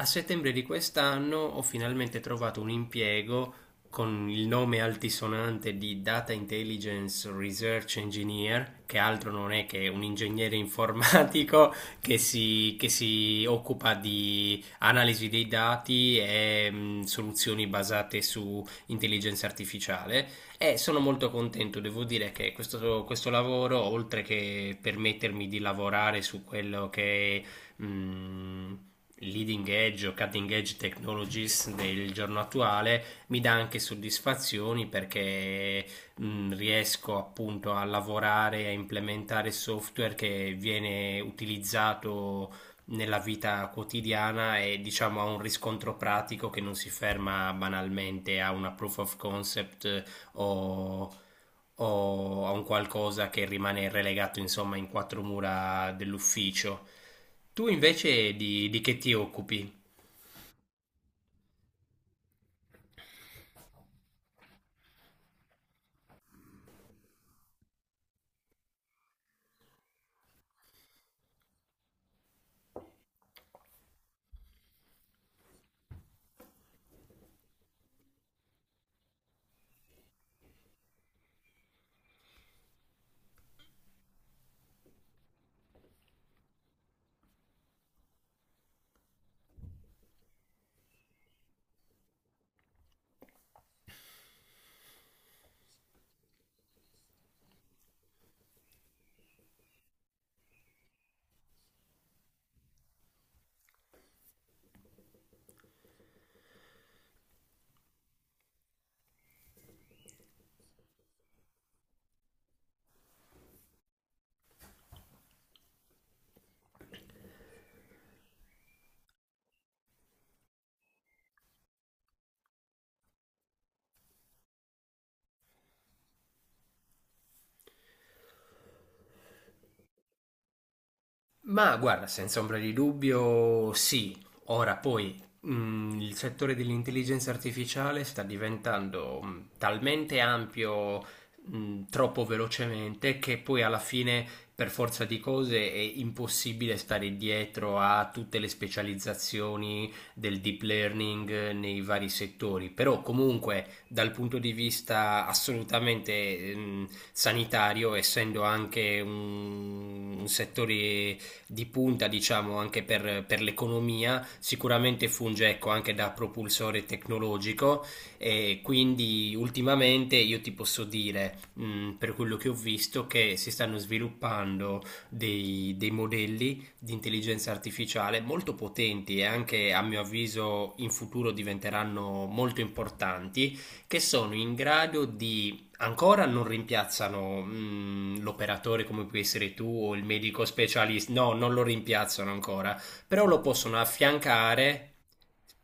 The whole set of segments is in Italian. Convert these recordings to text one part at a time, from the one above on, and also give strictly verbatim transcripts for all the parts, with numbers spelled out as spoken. A settembre di quest'anno ho finalmente trovato un impiego con il nome altisonante di Data Intelligence Research Engineer, che altro non è che un ingegnere informatico che si, che si occupa di analisi dei dati e mh, soluzioni basate su intelligenza artificiale. E sono molto contento, devo dire che questo, questo lavoro, oltre che permettermi di lavorare su quello che mh, leading edge o cutting edge technologies del giorno attuale mi dà anche soddisfazioni perché mh, riesco appunto a lavorare, a implementare software che viene utilizzato nella vita quotidiana e diciamo ha un riscontro pratico che non si ferma banalmente a una proof of concept o, o a un qualcosa che rimane relegato, insomma, in quattro mura dell'ufficio. Tu invece di, di che ti occupi? Ma guarda, senza ombra di dubbio, sì. Ora poi mh, il settore dell'intelligenza artificiale sta diventando mh, talmente ampio, mh, troppo velocemente, che poi alla fine, per forza di cose, è impossibile stare dietro a tutte le specializzazioni del deep learning eh, nei vari settori. Però comunque, dal punto di vista assolutamente mh, sanitario, essendo anche un un settore di punta, diciamo, anche per, per l'economia, sicuramente funge, ecco, anche da propulsore tecnologico e quindi ultimamente io ti posso dire, mh, per quello che ho visto, che si stanno sviluppando dei, dei modelli di intelligenza artificiale molto potenti e anche, a mio avviso, in futuro diventeranno molto importanti, che sono in grado di ancora non rimpiazzano mm, l'operatore come puoi essere tu o il medico specialista, no, non lo rimpiazzano ancora, però lo possono affiancare.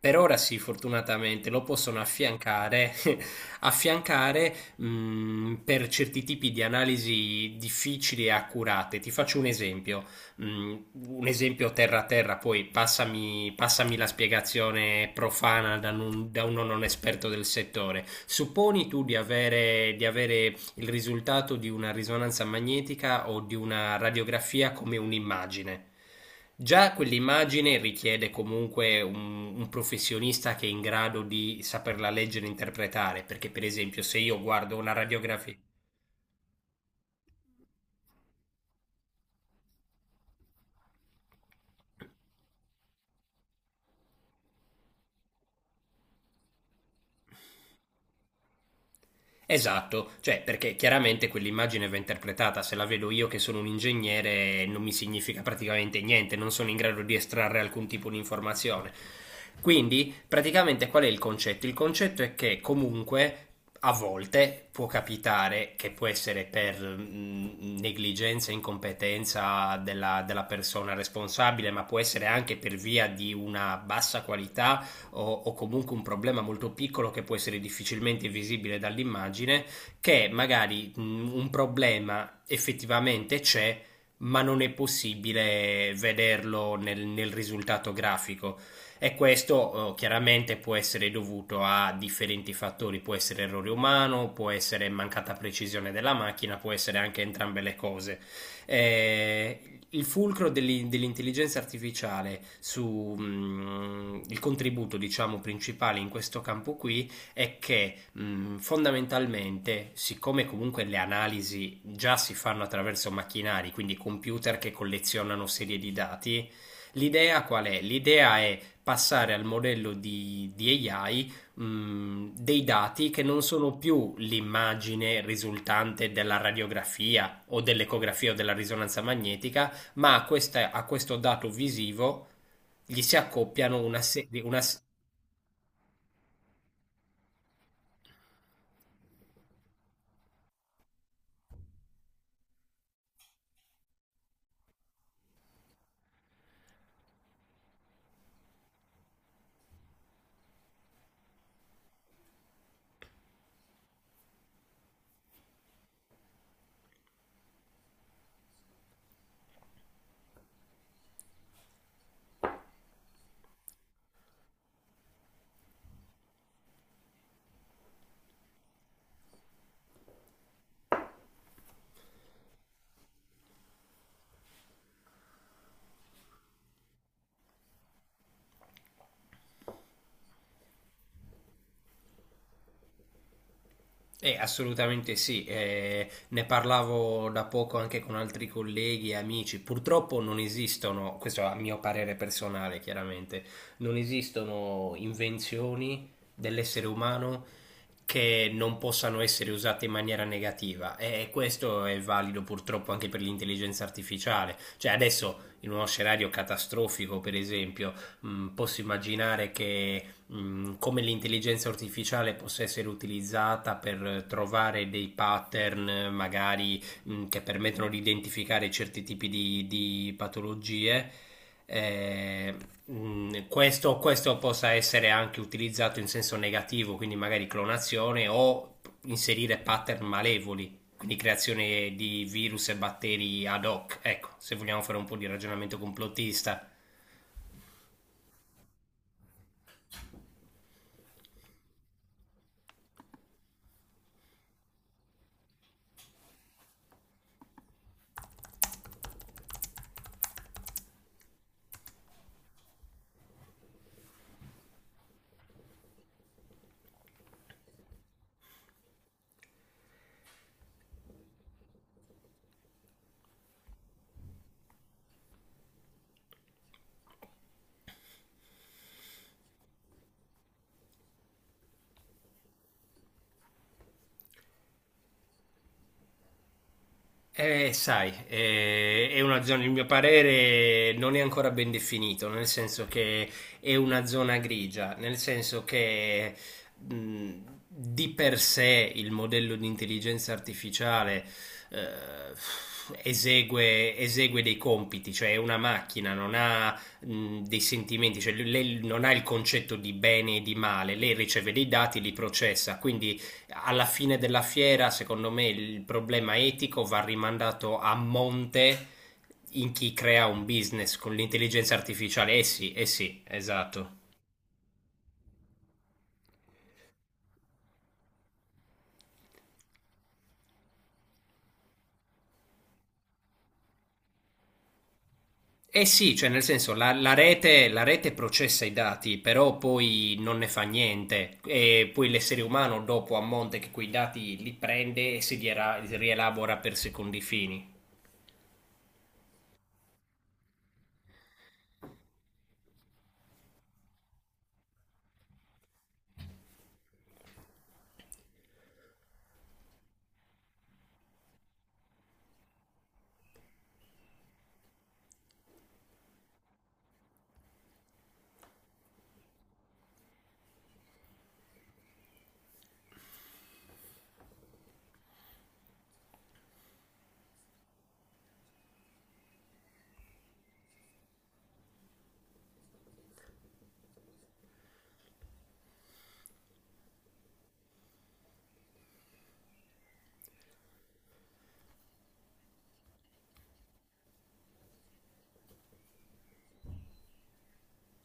Per ora sì, fortunatamente lo possono affiancare, affiancare mm, per certi tipi di analisi difficili e accurate. Ti faccio un esempio, mm, un esempio terra a terra, poi passami, passami la spiegazione profana da, non- da uno non esperto del settore. Supponi tu di avere, di avere il risultato di una risonanza magnetica o di una radiografia come un'immagine. Già quell'immagine richiede comunque un, un professionista che è in grado di saperla leggere e interpretare, perché per esempio se io guardo una radiografia, esatto, cioè perché chiaramente quell'immagine va interpretata, se la vedo io che sono un ingegnere non mi significa praticamente niente, non sono in grado di estrarre alcun tipo di informazione. Quindi praticamente qual è il concetto? Il concetto è che comunque a volte può capitare che può essere per mh, negligenza, incompetenza della, della persona responsabile, ma può essere anche per via di una bassa qualità o, o comunque un problema molto piccolo che può essere difficilmente visibile dall'immagine, che magari mh, un problema effettivamente c'è, ma non è possibile vederlo nel, nel risultato grafico. E questo eh, chiaramente può essere dovuto a differenti fattori, può essere errore umano, può essere mancata precisione della macchina, può essere anche entrambe le cose eh, il fulcro dell'in- dell'intelligenza artificiale sul contributo, diciamo, principale in questo campo qui è che mh, fondamentalmente, siccome comunque le analisi già si fanno attraverso macchinari, quindi computer che collezionano serie di dati, l'idea qual è? L'idea è passare al modello di, di A I mh, dei dati che non sono più l'immagine risultante della radiografia o dell'ecografia o della risonanza magnetica, ma a, questa- a questo dato visivo gli si accoppiano una, se- una s- Eh, assolutamente sì, eh, ne parlavo da poco anche con altri colleghi e amici. Purtroppo non esistono, questo a mio parere personale, chiaramente, non esistono invenzioni dell'essere umano che non possano essere usate in maniera negativa e questo è valido purtroppo anche per l'intelligenza artificiale. Cioè adesso in uno scenario catastrofico, per esempio, mh, posso immaginare che mh, come l'intelligenza artificiale possa essere utilizzata per trovare dei pattern magari mh, che permettono di identificare certi tipi di, di patologie. eh, mh, questo, questo possa essere anche utilizzato in senso negativo, quindi magari clonazione o inserire pattern malevoli, quindi creazione di virus e batteri ad hoc. Ecco, se vogliamo fare un po' di ragionamento complottista. Eh, sai, eh, è una zona, il mio parere non è ancora ben definito, nel senso che è una zona grigia, nel senso che mh, di per sé il modello di intelligenza artificiale eh, esegue, esegue dei compiti, cioè è una macchina, non ha mh, dei sentimenti, cioè lei non ha il concetto di bene e di male, lei riceve dei dati, li processa, quindi alla fine della fiera, secondo me, il problema etico va rimandato a monte in chi crea un business con l'intelligenza artificiale. Eh sì, eh sì, esatto. Eh sì, cioè nel senso la, la rete, la rete processa i dati, però poi non ne fa niente. E poi l'essere umano dopo a monte che quei dati li prende e si riela- rielabora per secondi fini.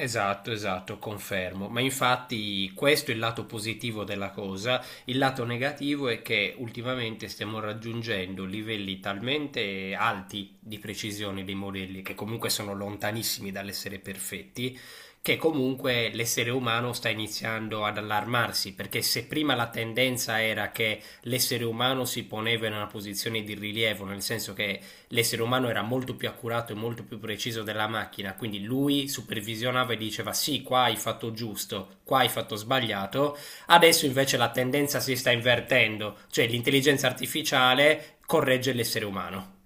Esatto, esatto, confermo. Ma infatti questo è il lato positivo della cosa. Il lato negativo è che ultimamente stiamo raggiungendo livelli talmente alti di precisione dei modelli, che comunque sono lontanissimi dall'essere perfetti, che comunque l'essere umano sta iniziando ad allarmarsi, perché se prima la tendenza era che l'essere umano si poneva in una posizione di rilievo, nel senso che l'essere umano era molto più accurato e molto più preciso della macchina, quindi lui supervisionava e diceva sì, qua hai fatto giusto, qua hai fatto sbagliato, adesso invece la tendenza si sta invertendo, cioè l'intelligenza artificiale corregge l'essere umano.